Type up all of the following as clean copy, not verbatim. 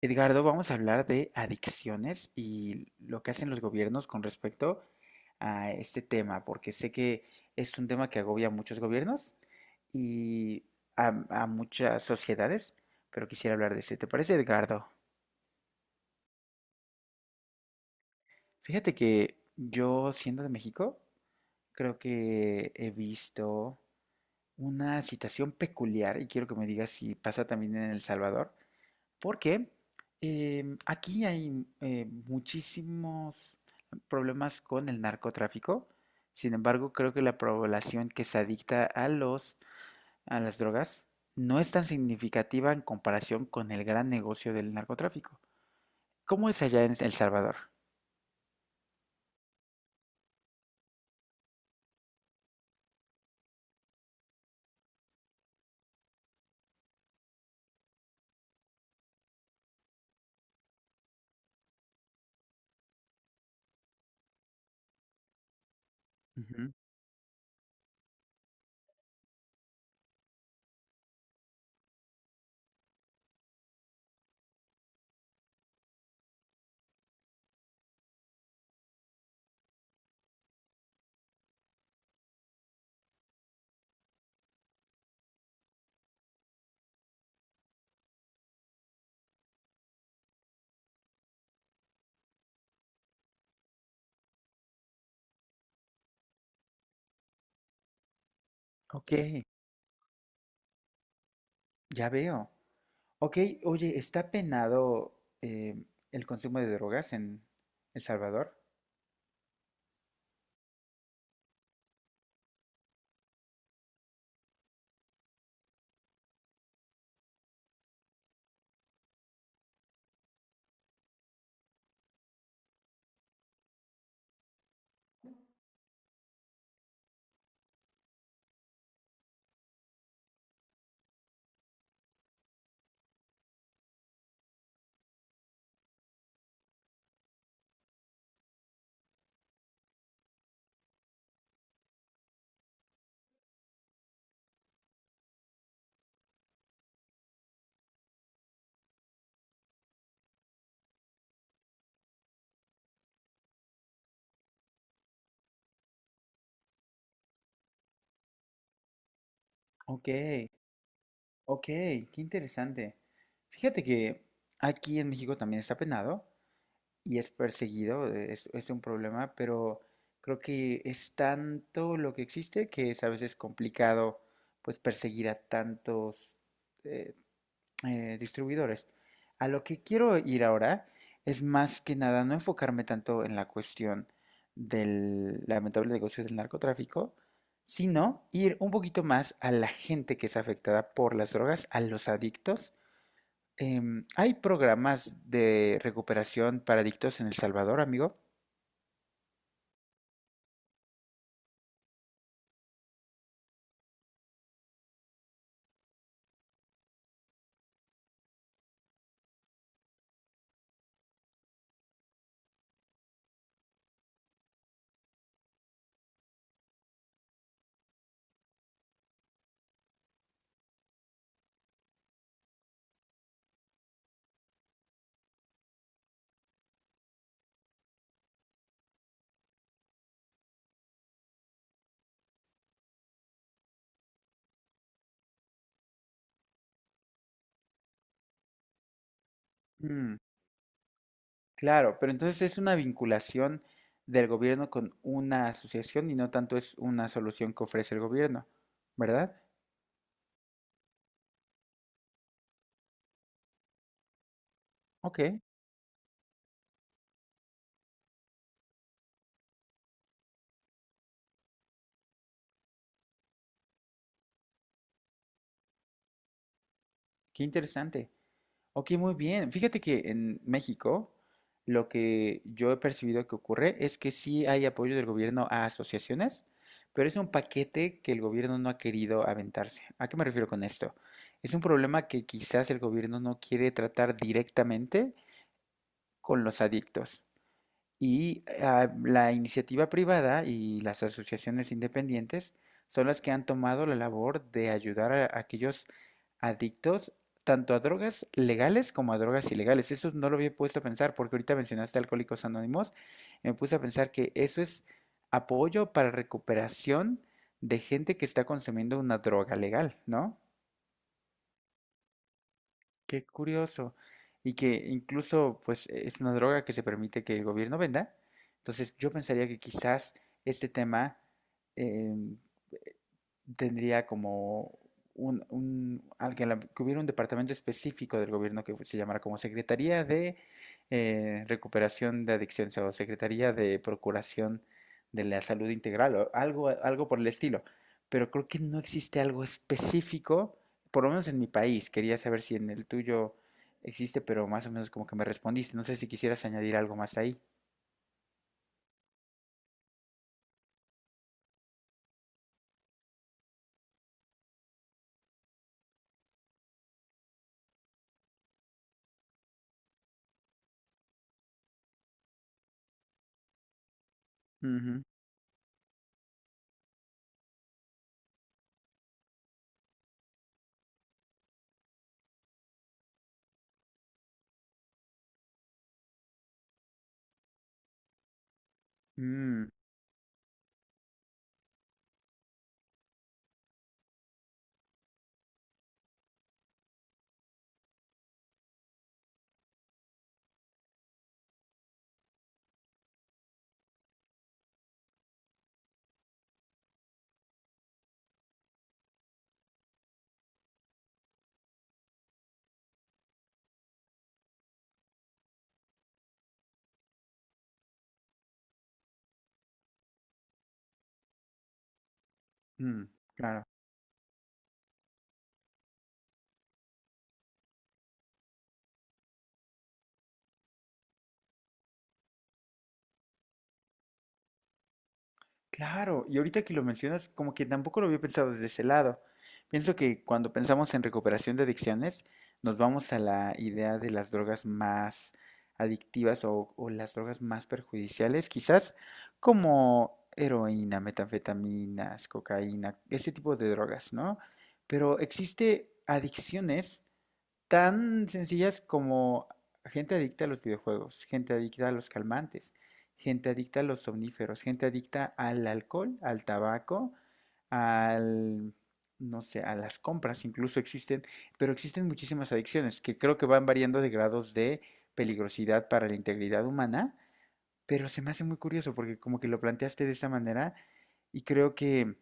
Edgardo, vamos a hablar de adicciones y lo que hacen los gobiernos con respecto a este tema, porque sé que es un tema que agobia a muchos gobiernos y a muchas sociedades, pero quisiera hablar de ese. ¿Te parece, Edgardo? Fíjate que yo, siendo de México, creo que he visto una situación peculiar y quiero que me digas si pasa también en El Salvador. Porque aquí hay muchísimos problemas con el narcotráfico. Sin embargo, creo que la población que se adicta a a las drogas no es tan significativa en comparación con el gran negocio del narcotráfico. ¿Cómo es allá en El Salvador? Ujú. Ok, ya veo. Ok, oye, ¿está penado em, el consumo de drogas en El Salvador? Ok. Ok, qué interesante. Fíjate que aquí en México también está penado y es perseguido, es un problema, pero creo que es tanto lo que existe que es a veces complicado pues perseguir a tantos, eh, distribuidores. A lo que quiero ir ahora es más que nada no enfocarme tanto en la cuestión del lamentable negocio del narcotráfico, sino ir un poquito más a la gente que es afectada por las drogas, a los adictos. ¿hay programas de recuperación para adictos en El Salvador, amigo? Mm, claro, pero entonces es una vinculación del gobierno con una asociación y no tanto es una solución que ofrece el gobierno, ¿verdad? Ok. Qué interesante. Ok, muy bien. Fíjate que en México lo que yo he percibido que ocurre es que sí hay apoyo del gobierno a asociaciones, pero es un paquete que el gobierno no ha querido aventarse. ¿A qué me refiero con esto? Es un problema que quizás el gobierno no quiere tratar directamente con los adictos. Y la iniciativa privada y las asociaciones independientes son las que han tomado la labor de ayudar a aquellos adictos tanto a drogas legales como a drogas ilegales. Eso no lo había puesto a pensar porque ahorita mencionaste Alcohólicos Anónimos y me puse a pensar que eso es apoyo para recuperación de gente que está consumiendo una droga legal, ¿no? Qué curioso. Y que incluso, pues, es una droga que se permite que el gobierno venda. Entonces, yo pensaría que quizás este tema, eh, tendría como un alguien, que hubiera un departamento específico del gobierno que se llamara como Secretaría de Recuperación de Adicciones o Secretaría de Procuración de la Salud Integral o algo por el estilo. Pero creo que no existe algo específico, por lo menos en mi país. Quería saber si en el tuyo existe, pero más o menos como que me respondiste. No sé si quisieras añadir algo más ahí. Ujú. Mm. Mm, claro. Claro, y ahorita que lo mencionas, como que tampoco lo había pensado desde ese lado. Pienso que cuando pensamos en recuperación de adicciones, nos vamos a la idea de las drogas más adictivas o las drogas más perjudiciales, quizás como heroína, metanfetaminas, cocaína, ese tipo de drogas, ¿no? Pero existe adicciones tan sencillas como gente adicta a los videojuegos, gente adicta a los calmantes, gente adicta a los somníferos, gente adicta al alcohol, al tabaco, al, no sé, a las compras incluso existen, pero existen muchísimas adicciones que creo que van variando de grados de peligrosidad para la integridad humana, pero se me hace muy curioso porque como que lo planteaste de esa manera y creo que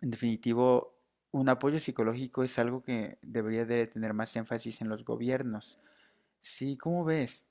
en definitivo, un apoyo psicológico es algo que debería de tener más énfasis en los gobiernos. Sí, ¿cómo ves?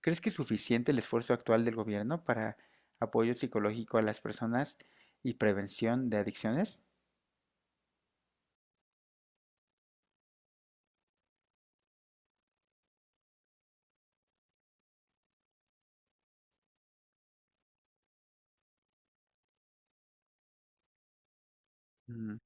¿Crees que es suficiente el esfuerzo actual del gobierno para apoyo psicológico a las personas y prevención de adicciones? Mm.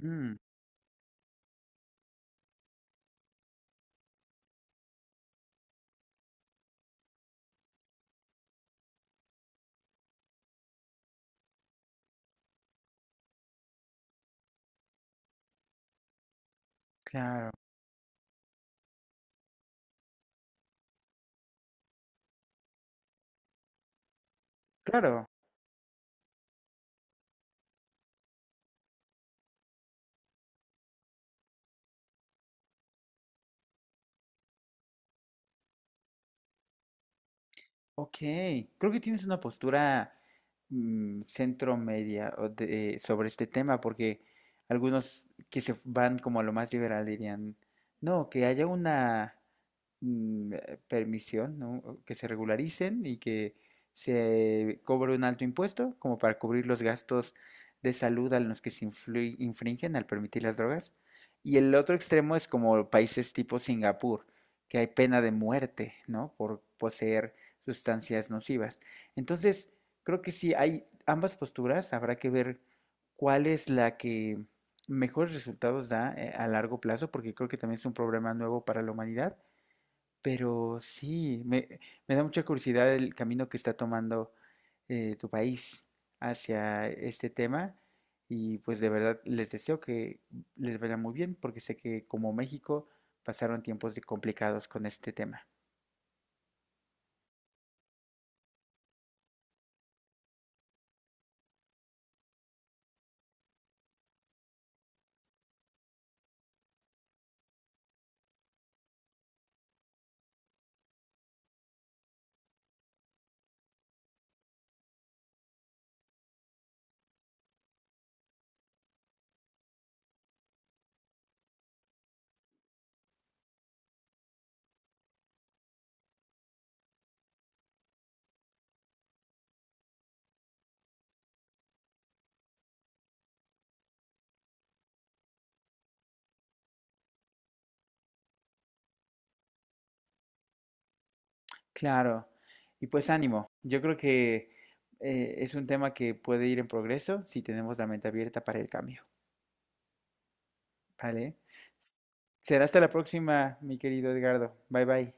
Mm, claro, claro, ok. Creo que tienes una postura centro media sobre este tema, porque algunos que se van como a lo más liberal dirían, no, que haya una permisión, ¿no? O que se regularicen y que se cobre un alto impuesto como para cubrir los gastos de salud a los que se infringen al permitir las drogas. Y el otro extremo es como países tipo Singapur, que hay pena de muerte, ¿no? Por poseer sustancias nocivas. Entonces, creo que sí hay ambas posturas, habrá que ver cuál es la que mejores resultados da a largo plazo, porque creo que también es un problema nuevo para la humanidad, pero sí, me da mucha curiosidad el camino que está tomando tu país hacia este tema y pues de verdad les deseo que les vaya muy bien porque sé que como México pasaron tiempos de complicados con este tema. Claro, y pues ánimo, yo creo que es un tema que puede ir en progreso si tenemos la mente abierta para el cambio, ¿vale? S- Será hasta la próxima, mi querido Edgardo. Bye bye.